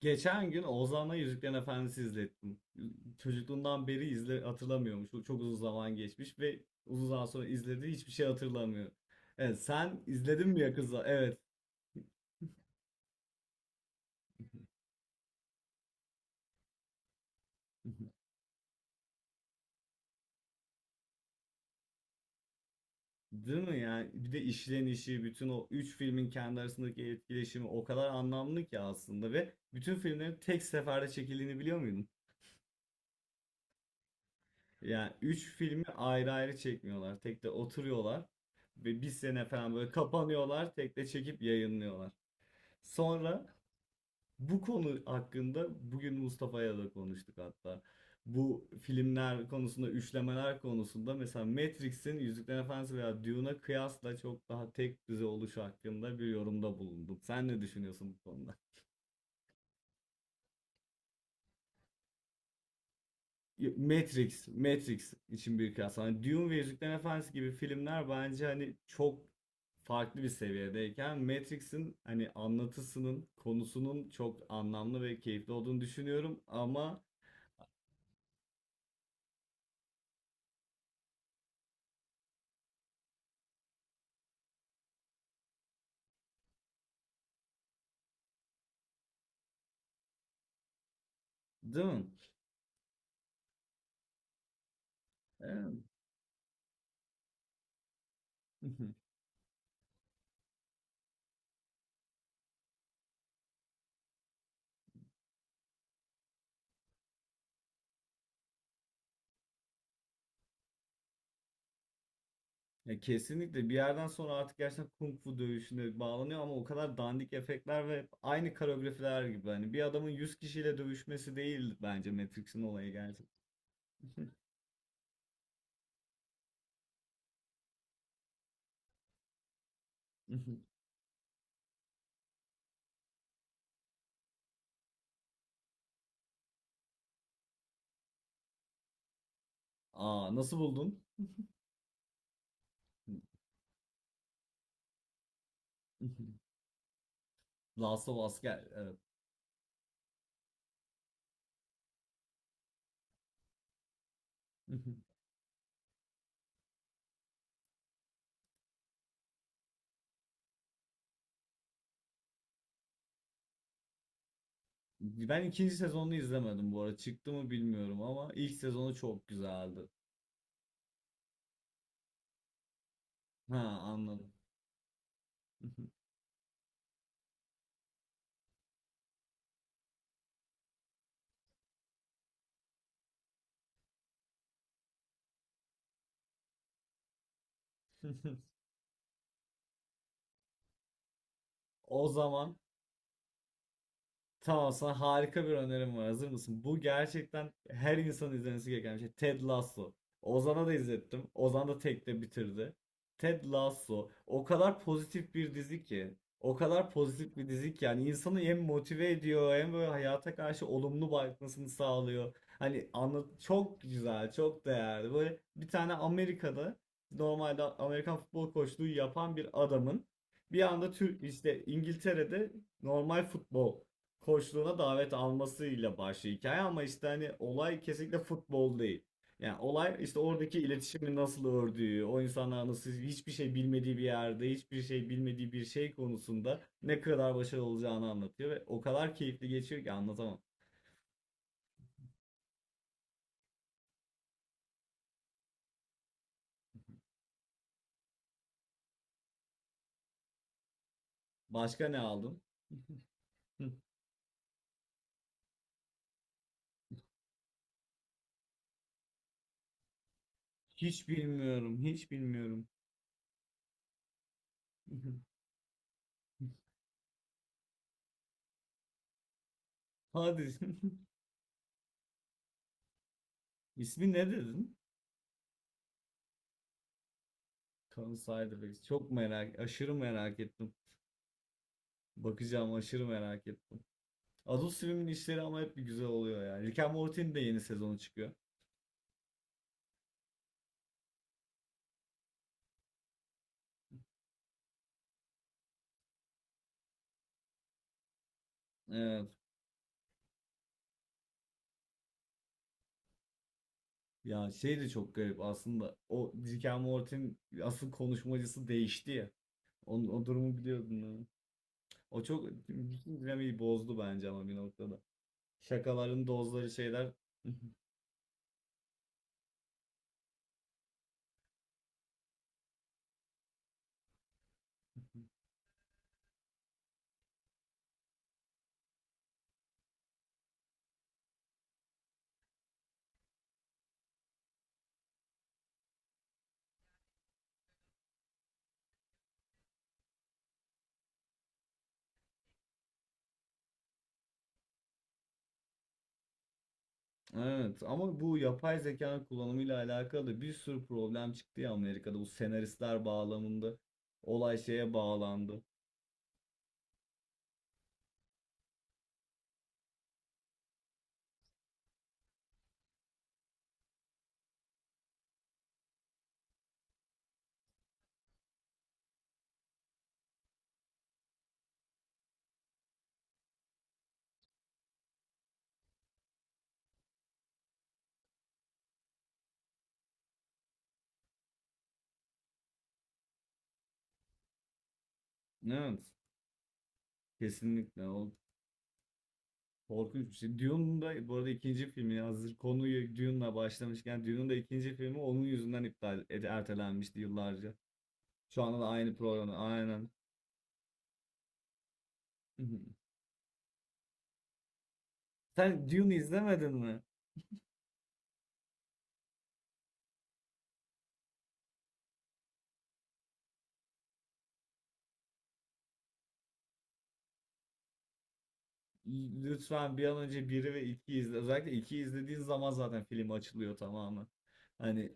Geçen gün Ozan'la Yüzüklerin Efendisi izlettim. Çocukluğundan beri izle hatırlamıyormuş. O çok uzun zaman geçmiş ve uzun zaman sonra izlediği hiçbir şey hatırlamıyor. Evet, sen izledin mi Yakuza? Evet. Değil mi yani? Bir de işlenişi, bütün o üç filmin kendi arasındaki etkileşimi o kadar anlamlı ki aslında, ve bütün filmlerin tek seferde çekildiğini biliyor muydun? Yani üç filmi ayrı ayrı çekmiyorlar. Tek de oturuyorlar ve bir sene falan böyle kapanıyorlar, tek de çekip yayınlıyorlar. Sonra bu konu hakkında bugün Mustafa'ya da konuştuk hatta. Bu filmler konusunda, üçlemeler konusunda mesela Matrix'in Yüzüklerin Efendisi veya Dune'a kıyasla çok daha tek düze oluşu hakkında bir yorumda bulunduk. Sen ne düşünüyorsun bu konuda? Matrix, Matrix için bir kıyas. Hani Dune ve Yüzüklerin Efendisi gibi filmler bence hani çok farklı bir seviyedeyken Matrix'in hani anlatısının, konusunun çok anlamlı ve keyifli olduğunu düşünüyorum ama değil mi? Evet. Ya kesinlikle bir yerden sonra artık gerçekten kung fu dövüşüne bağlanıyor, ama o kadar dandik efektler ve aynı koreografiler gibi hani bir adamın 100 kişiyle dövüşmesi değil bence Matrix'in olayı gerçekten. Aa, nasıl buldun? Last of Us gel. Evet. Ben ikinci sezonunu izlemedim bu arada. Çıktı mı bilmiyorum ama ilk sezonu çok güzeldi. Ha, anladım. O zaman tamam, sana harika bir önerim var. Hazır mısın? Bu gerçekten her insanın izlemesi gereken bir şey. Ted Lasso. Ozan'a da izlettim. Ozan da tekte bitirdi. Ted Lasso. O kadar pozitif bir dizi ki. O kadar pozitif bir dizi ki. Yani insanı hem motive ediyor hem böyle hayata karşı olumlu bakmasını sağlıyor. Hani anlat çok güzel, çok değerli. Böyle bir tane Amerika'da normalde Amerikan futbol koçluğu yapan bir adamın bir anda Türk işte İngiltere'de normal futbol koçluğuna davet almasıyla başlıyor hikaye, ama işte hani olay kesinlikle futbol değil. Yani olay işte oradaki iletişimi nasıl ördüğü, o insanlar nasıl hiçbir şey bilmediği bir yerde, hiçbir şey bilmediği bir şey konusunda ne kadar başarılı olacağını anlatıyor ve o kadar keyifli geçiyor ki anlatamam. Başka ne aldın? Hiç bilmiyorum, hiç bilmiyorum. Hadi. İsmi ne dedin? Kanun Side. Çok merak, aşırı merak ettim. Bakacağım, aşırı merak ettim. Adult Swim'in işleri ama hep bir güzel oluyor yani. Rick and Morty'nin de yeni sezonu çıkıyor. Evet. Ya şey de çok garip aslında. O Rick and Morty'nin asıl konuşmacısı değişti ya. Onun, o durumu biliyordun değil? O çok bütün dinamiği bozdu bence ama bir noktada. Şakaların dozları şeyler. Evet ama bu yapay zekanın kullanımıyla alakalı da bir sürü problem çıktı ya Amerika'da. Bu senaristler bağlamında olay şeye bağlandı. Evet. Kesinlikle. O korkunç bir şey. Dune'un da bu arada ikinci filmi, hazır konuyu Dune'la başlamışken, Dune'un da ikinci filmi onun yüzünden iptal ertelenmişti yıllarca. Şu anda da aynı programda aynen. Sen Dune'u izlemedin mi? Lütfen bir an önce biri ve 2'yi izle. Özellikle 2'yi izlediğin zaman zaten film açılıyor tamamen. Hani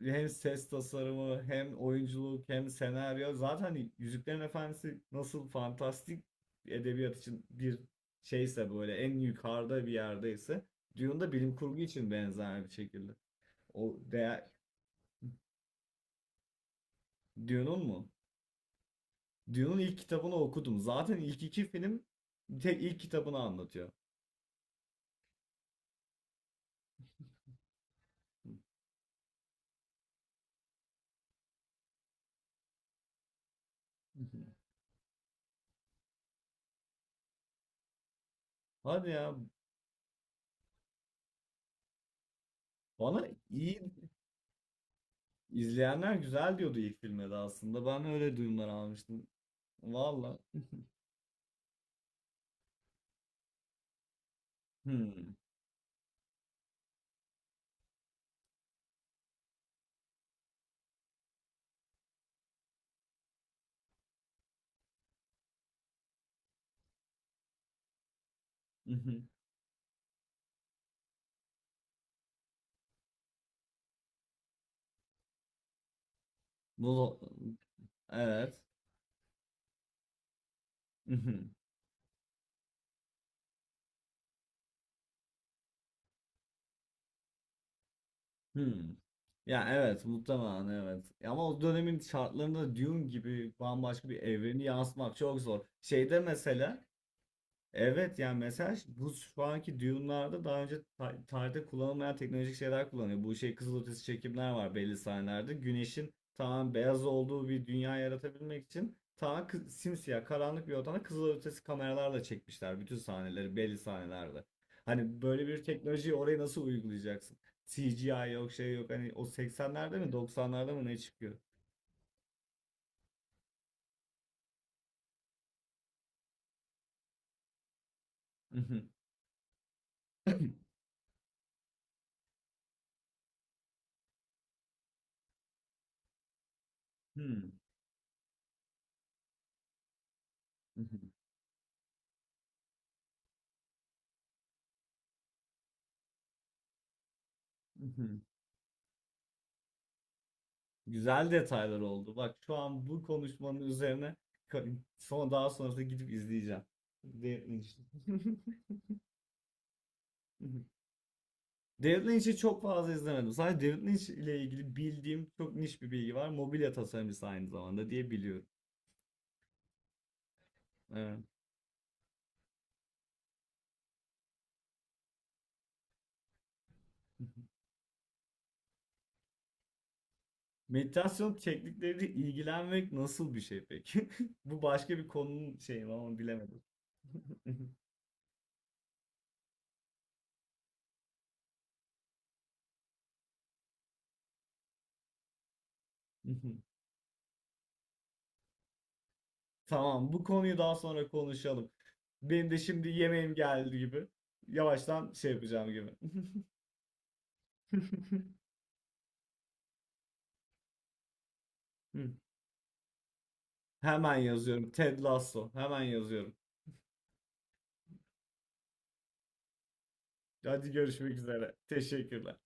hem ses tasarımı hem oyunculuk hem senaryo, zaten hani Yüzüklerin Efendisi nasıl fantastik edebiyat için bir şeyse, böyle en yukarıda bir yerdeyse, Dune da bilim kurgu için benzer bir şekilde. O değer. Dune'un mu? Dune'un ilk kitabını okudum. Zaten ilk iki film tek ilk kitabını anlatıyor. Hadi ya, bana iyi izleyenler güzel diyordu ilk filme de aslında. Ben öyle duyumlar almıştım. Valla. Hmm. Bu evet. Hmm. Ya evet, muhtemelen evet. Ama o dönemin şartlarında Dune gibi bambaşka bir evreni yansıtmak çok zor. Şeyde mesela evet, yani mesela bu şu anki Dune'larda daha önce tarihte kullanılmayan teknolojik şeyler kullanıyor. Bu şey kızılötesi çekimler var belli sahnelerde. Güneşin tamamen beyaz olduğu bir dünya yaratabilmek için tamamen simsiyah karanlık bir ortamda kızılötesi kameralarla çekmişler bütün sahneleri belli sahnelerde. Hani böyle bir teknolojiyi oraya nasıl uygulayacaksın? CGI yok, şey yok, hani o 80'lerde mi 90'larda mı ne çıkıyor? Güzel detaylar oldu. Bak şu an bu konuşmanın üzerine son daha sonrasında gidip izleyeceğim. David Lynch. David Lynch'i çok fazla izlemedim. Sadece David Lynch ile ilgili bildiğim çok niş bir bilgi var. Mobilya tasarımcısı aynı zamanda diye biliyorum. Evet. Meditasyon teknikleriyle ilgilenmek nasıl bir şey peki? Bu başka bir konunun şeyi ama bilemedim. Tamam, bu konuyu daha sonra konuşalım. Benim de şimdi yemeğim geldi gibi. Yavaştan şey yapacağım gibi. Hı. Hemen yazıyorum. Ted Lasso. Hemen yazıyorum. Hadi, görüşmek üzere. Teşekkürler.